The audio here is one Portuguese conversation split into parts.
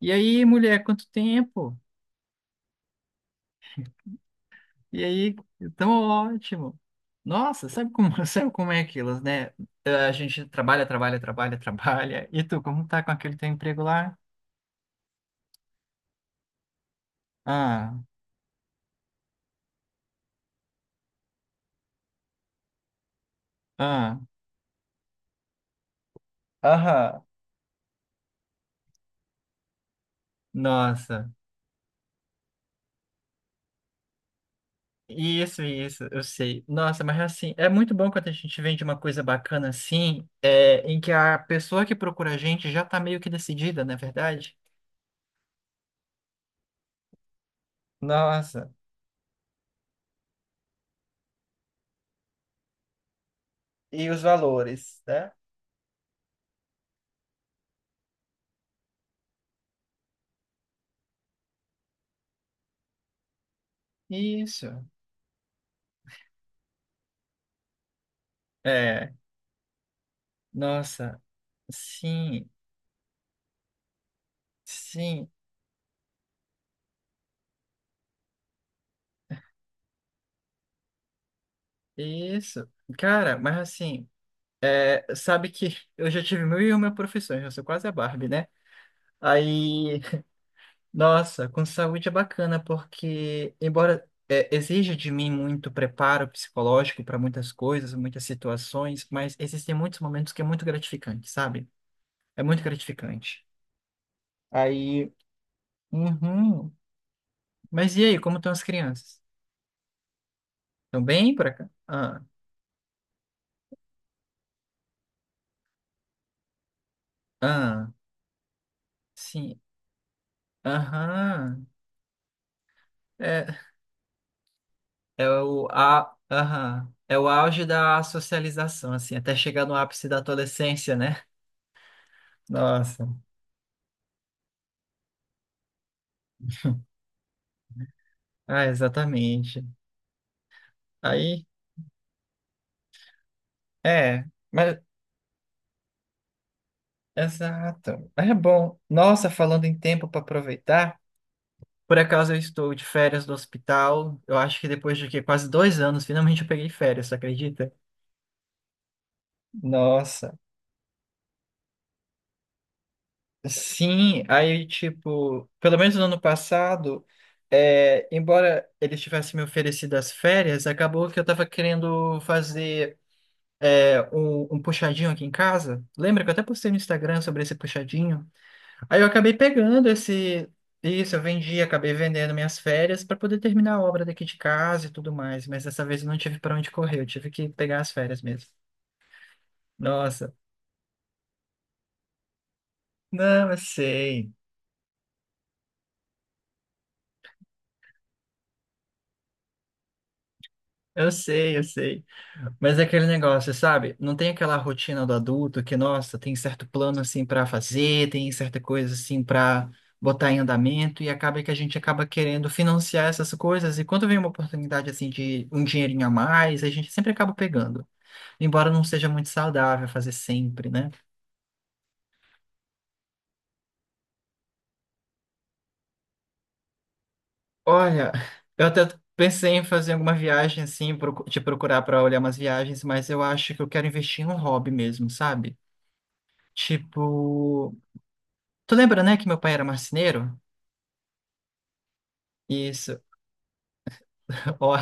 E aí, mulher, quanto tempo? E aí, tão ótimo. Nossa, sabe como, sabe como é aquilo, né? A gente trabalha, trabalha, trabalha, trabalha. E tu, como tá com aquele teu emprego lá? Ah, ah, aham. Nossa, isso, eu sei. Nossa, mas assim, é muito bom quando a gente vende uma coisa bacana assim, é, em que a pessoa que procura a gente já tá meio que decidida, não é verdade? Nossa, e os valores, né? Isso. É, nossa. Sim, sim, isso. Cara, mas assim, sabe que eu já tive mil e uma profissões, eu sou quase a Barbie, né? Aí, nossa, com saúde é bacana, porque embora exija de mim muito preparo psicológico para muitas coisas, muitas situações, mas existem muitos momentos que é muito gratificante, sabe? É muito gratificante. Aí, uhum. Mas e aí, como estão as crianças? Estão bem por cá? Ah, ah, sim, aham. É, aham, é o auge da socialização, assim, até chegar no ápice da adolescência, né? Nossa, ah, exatamente. Aí, é, mas, exato, mas é bom. Nossa, falando em tempo para aproveitar, por acaso eu estou de férias do hospital, eu acho que depois quase dois anos, finalmente eu peguei férias, você acredita? Nossa. Sim, aí, tipo, pelo menos no ano passado, é, embora eles tivessem me oferecido as férias, acabou que eu tava querendo fazer um puxadinho aqui em casa. Lembra que eu até postei no Instagram sobre esse puxadinho? Aí eu acabei pegando esse. Isso, eu vendi, acabei vendendo minhas férias para poder terminar a obra daqui de casa e tudo mais, mas dessa vez eu não tive para onde correr, eu tive que pegar as férias mesmo. Nossa, não, eu sei. Eu sei, eu sei. Mas é aquele negócio, sabe? Não tem aquela rotina do adulto que, nossa, tem certo plano assim para fazer, tem certa coisa assim para botar em andamento e acaba que a gente acaba querendo financiar essas coisas e quando vem uma oportunidade assim de um dinheirinho a mais, a gente sempre acaba pegando. Embora não seja muito saudável fazer sempre, né? Olha, eu até pensei em fazer alguma viagem assim, te procurar para olhar umas viagens, mas eu acho que eu quero investir em um hobby mesmo, sabe? Tipo, tu lembra, né, que meu pai era marceneiro? Isso. Ó,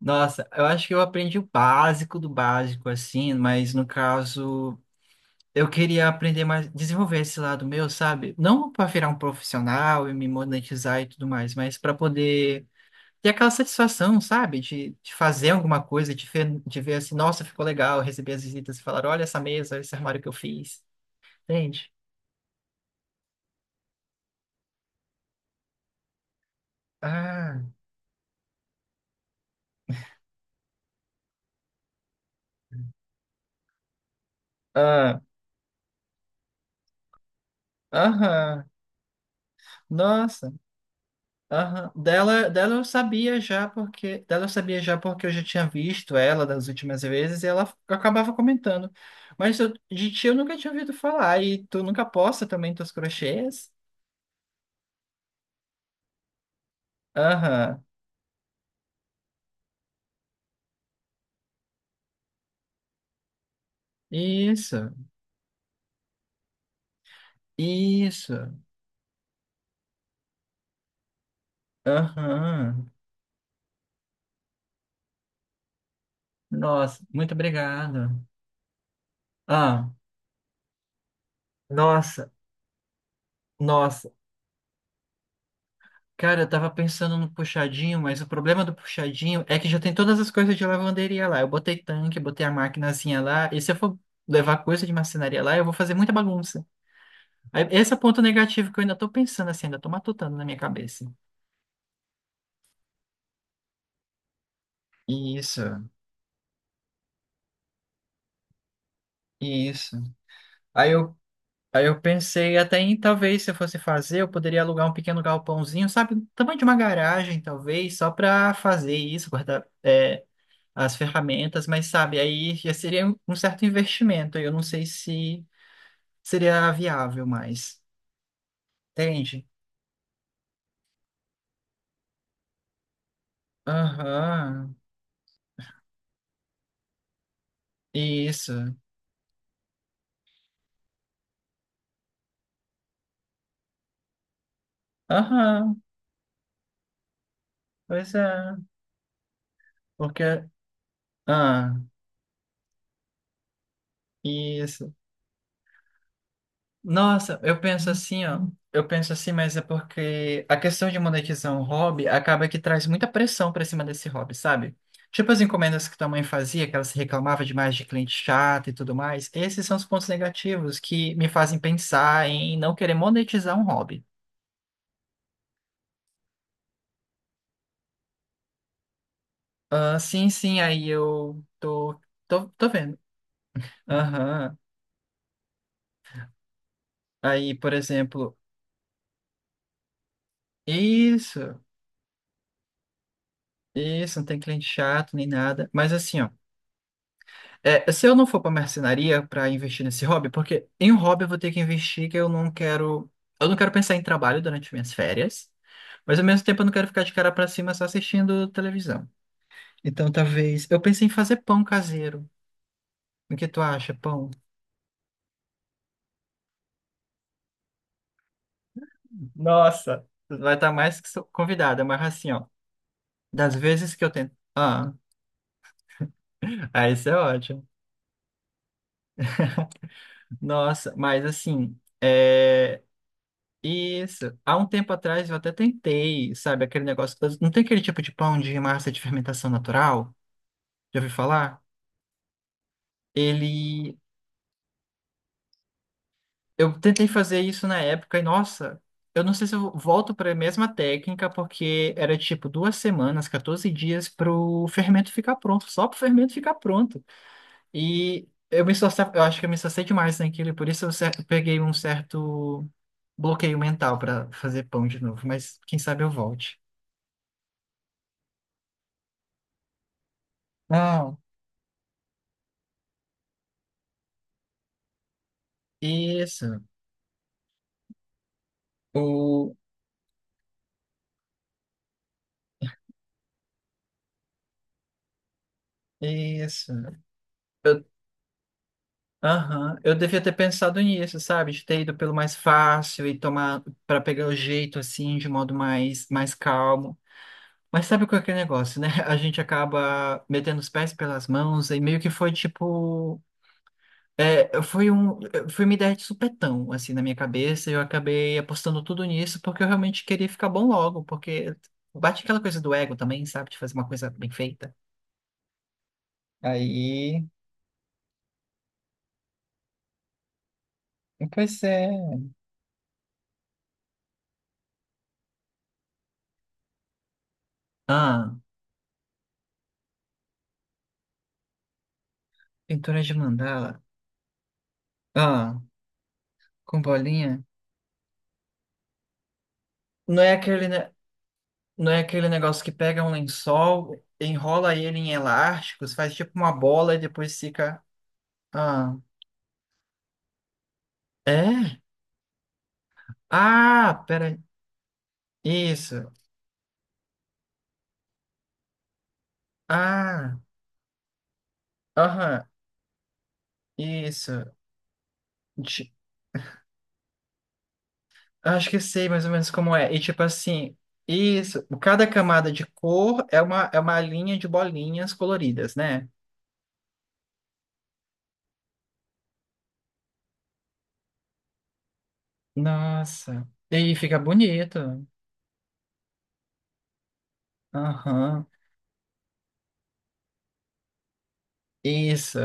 nossa, eu acho que eu aprendi o básico do básico, assim, mas no caso, eu queria aprender mais, desenvolver esse lado meu, sabe? Não para virar um profissional e me monetizar e tudo mais, mas para poder ter aquela satisfação, sabe? De fazer alguma coisa, de ver assim, nossa, ficou legal, receber as visitas e falar, olha essa mesa, esse armário que eu fiz, entende? Ah, ah, aham, nossa. Aham. Dela, dela eu sabia já porque dela eu sabia já porque eu já tinha visto ela das últimas vezes e ela acabava comentando. Mas de ti eu nunca tinha ouvido falar e tu nunca posta também teus crochês? Aham. Isso. Isso. Aham. Nossa, muito obrigado. Ah, nossa, nossa. Cara, eu tava pensando no puxadinho, mas o problema do puxadinho é que já tem todas as coisas de lavanderia lá. Eu botei tanque, botei a maquinazinha lá, e se eu for levar coisa de marcenaria lá, eu vou fazer muita bagunça. Aí, esse é o ponto negativo que eu ainda tô pensando assim, ainda tô matutando na minha cabeça. Isso, isso. Aí eu, aí eu pensei até em talvez se eu fosse fazer, eu poderia alugar um pequeno galpãozinho, sabe? Tamanho de uma garagem, talvez, só pra fazer isso, guardar. É, as ferramentas, mas sabe, aí já seria um certo investimento. Aí eu não sei se seria viável mais. Entende? Aham, isso. Aham, pois é. Porque. Ah, isso. Nossa, eu penso assim, ó. Eu penso assim, mas é porque a questão de monetizar um hobby acaba que traz muita pressão pra cima desse hobby, sabe? Tipo as encomendas que tua mãe fazia, que ela se reclamava demais de cliente chato e tudo mais. Esses são os pontos negativos que me fazem pensar em não querer monetizar um hobby. Ah, sim, sim, aí eu tô, tô, tô vendo. Aham. Aí, por exemplo, isso, isso, não tem cliente chato nem nada. Mas assim, ó. É, se eu não for pra marcenaria pra investir nesse hobby, porque em um hobby eu vou ter que investir que eu não quero. Eu não quero pensar em trabalho durante minhas férias, mas ao mesmo tempo eu não quero ficar de cara pra cima só assistindo televisão. Então talvez. Eu pensei em fazer pão caseiro. O que tu acha, pão? Nossa, tu vai estar mais que convidada, mas assim, ó. Das vezes que eu tento. Ah, ah, isso é ótimo. Nossa, mas assim. É, isso. Há um tempo atrás eu até tentei, sabe, aquele negócio. Não tem aquele tipo de pão de massa de fermentação natural? Já ouviu falar? Ele. Eu tentei fazer isso na época e, nossa, eu não sei se eu volto para a mesma técnica, porque era tipo duas semanas, 14 dias pro fermento ficar pronto, só pro fermento ficar pronto. E eu me esforçava, eu acho que eu me esforcei demais naquilo, e por isso eu peguei um certo bloqueio mental para fazer pão de novo, mas quem sabe eu volte. Ah. Isso. O... Isso. Eu... Aham. Eu devia ter pensado nisso, sabe? De ter ido pelo mais fácil e tomar para pegar o jeito assim, de modo mais, mais calmo. Mas sabe qual é aquele negócio, né? A gente acaba metendo os pés pelas mãos e meio que foi tipo. É, foi um, foi uma ideia de supetão, assim, na minha cabeça, e eu acabei apostando tudo nisso porque eu realmente queria ficar bom logo, porque bate aquela coisa do ego também, sabe? De fazer uma coisa bem feita. Aí, pois é. Ah, pintura de mandala. Ah, com bolinha. Não é aquele, ne- não é aquele negócio que pega um lençol, enrola ele em elásticos, faz tipo uma bola e depois fica. Ah, é? Ah, pera. Isso. Ah, aham, isso. Ti- Acho que sei mais ou menos como é. E tipo assim, isso. Cada camada de cor é uma linha de bolinhas coloridas, né? Nossa. E aí fica bonito. Aham. Isso.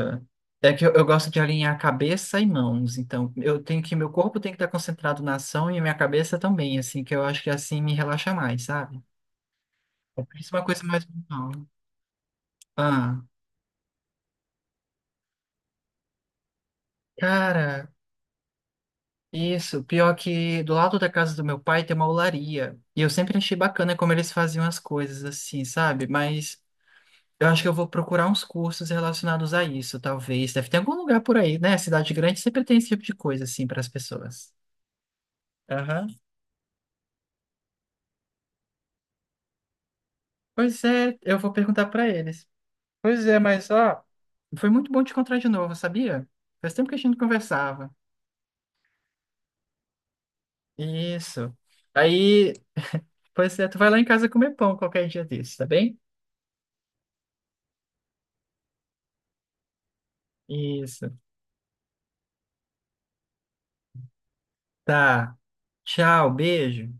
É que eu gosto de alinhar cabeça e mãos, então eu tenho que meu corpo tem que estar concentrado na ação e a minha cabeça também, assim, que eu acho que assim me relaxa mais, sabe? É por isso uma coisa mais mental. Ah, cara, isso, pior que do lado da casa do meu pai tem uma olaria, e eu sempre achei bacana como eles faziam as coisas assim, sabe? Mas eu acho que eu vou procurar uns cursos relacionados a isso, talvez. Deve ter algum lugar por aí, né? Cidade grande sempre tem esse tipo de coisa assim para as pessoas. Aham. Pois é, eu vou perguntar pra eles. Pois é, mas ó, foi muito bom te encontrar de novo, sabia? Faz tempo que a gente não conversava. Isso. Aí, pois é, tu vai lá em casa comer pão qualquer dia desses, tá bem? Isso. Tá. Tchau, beijo.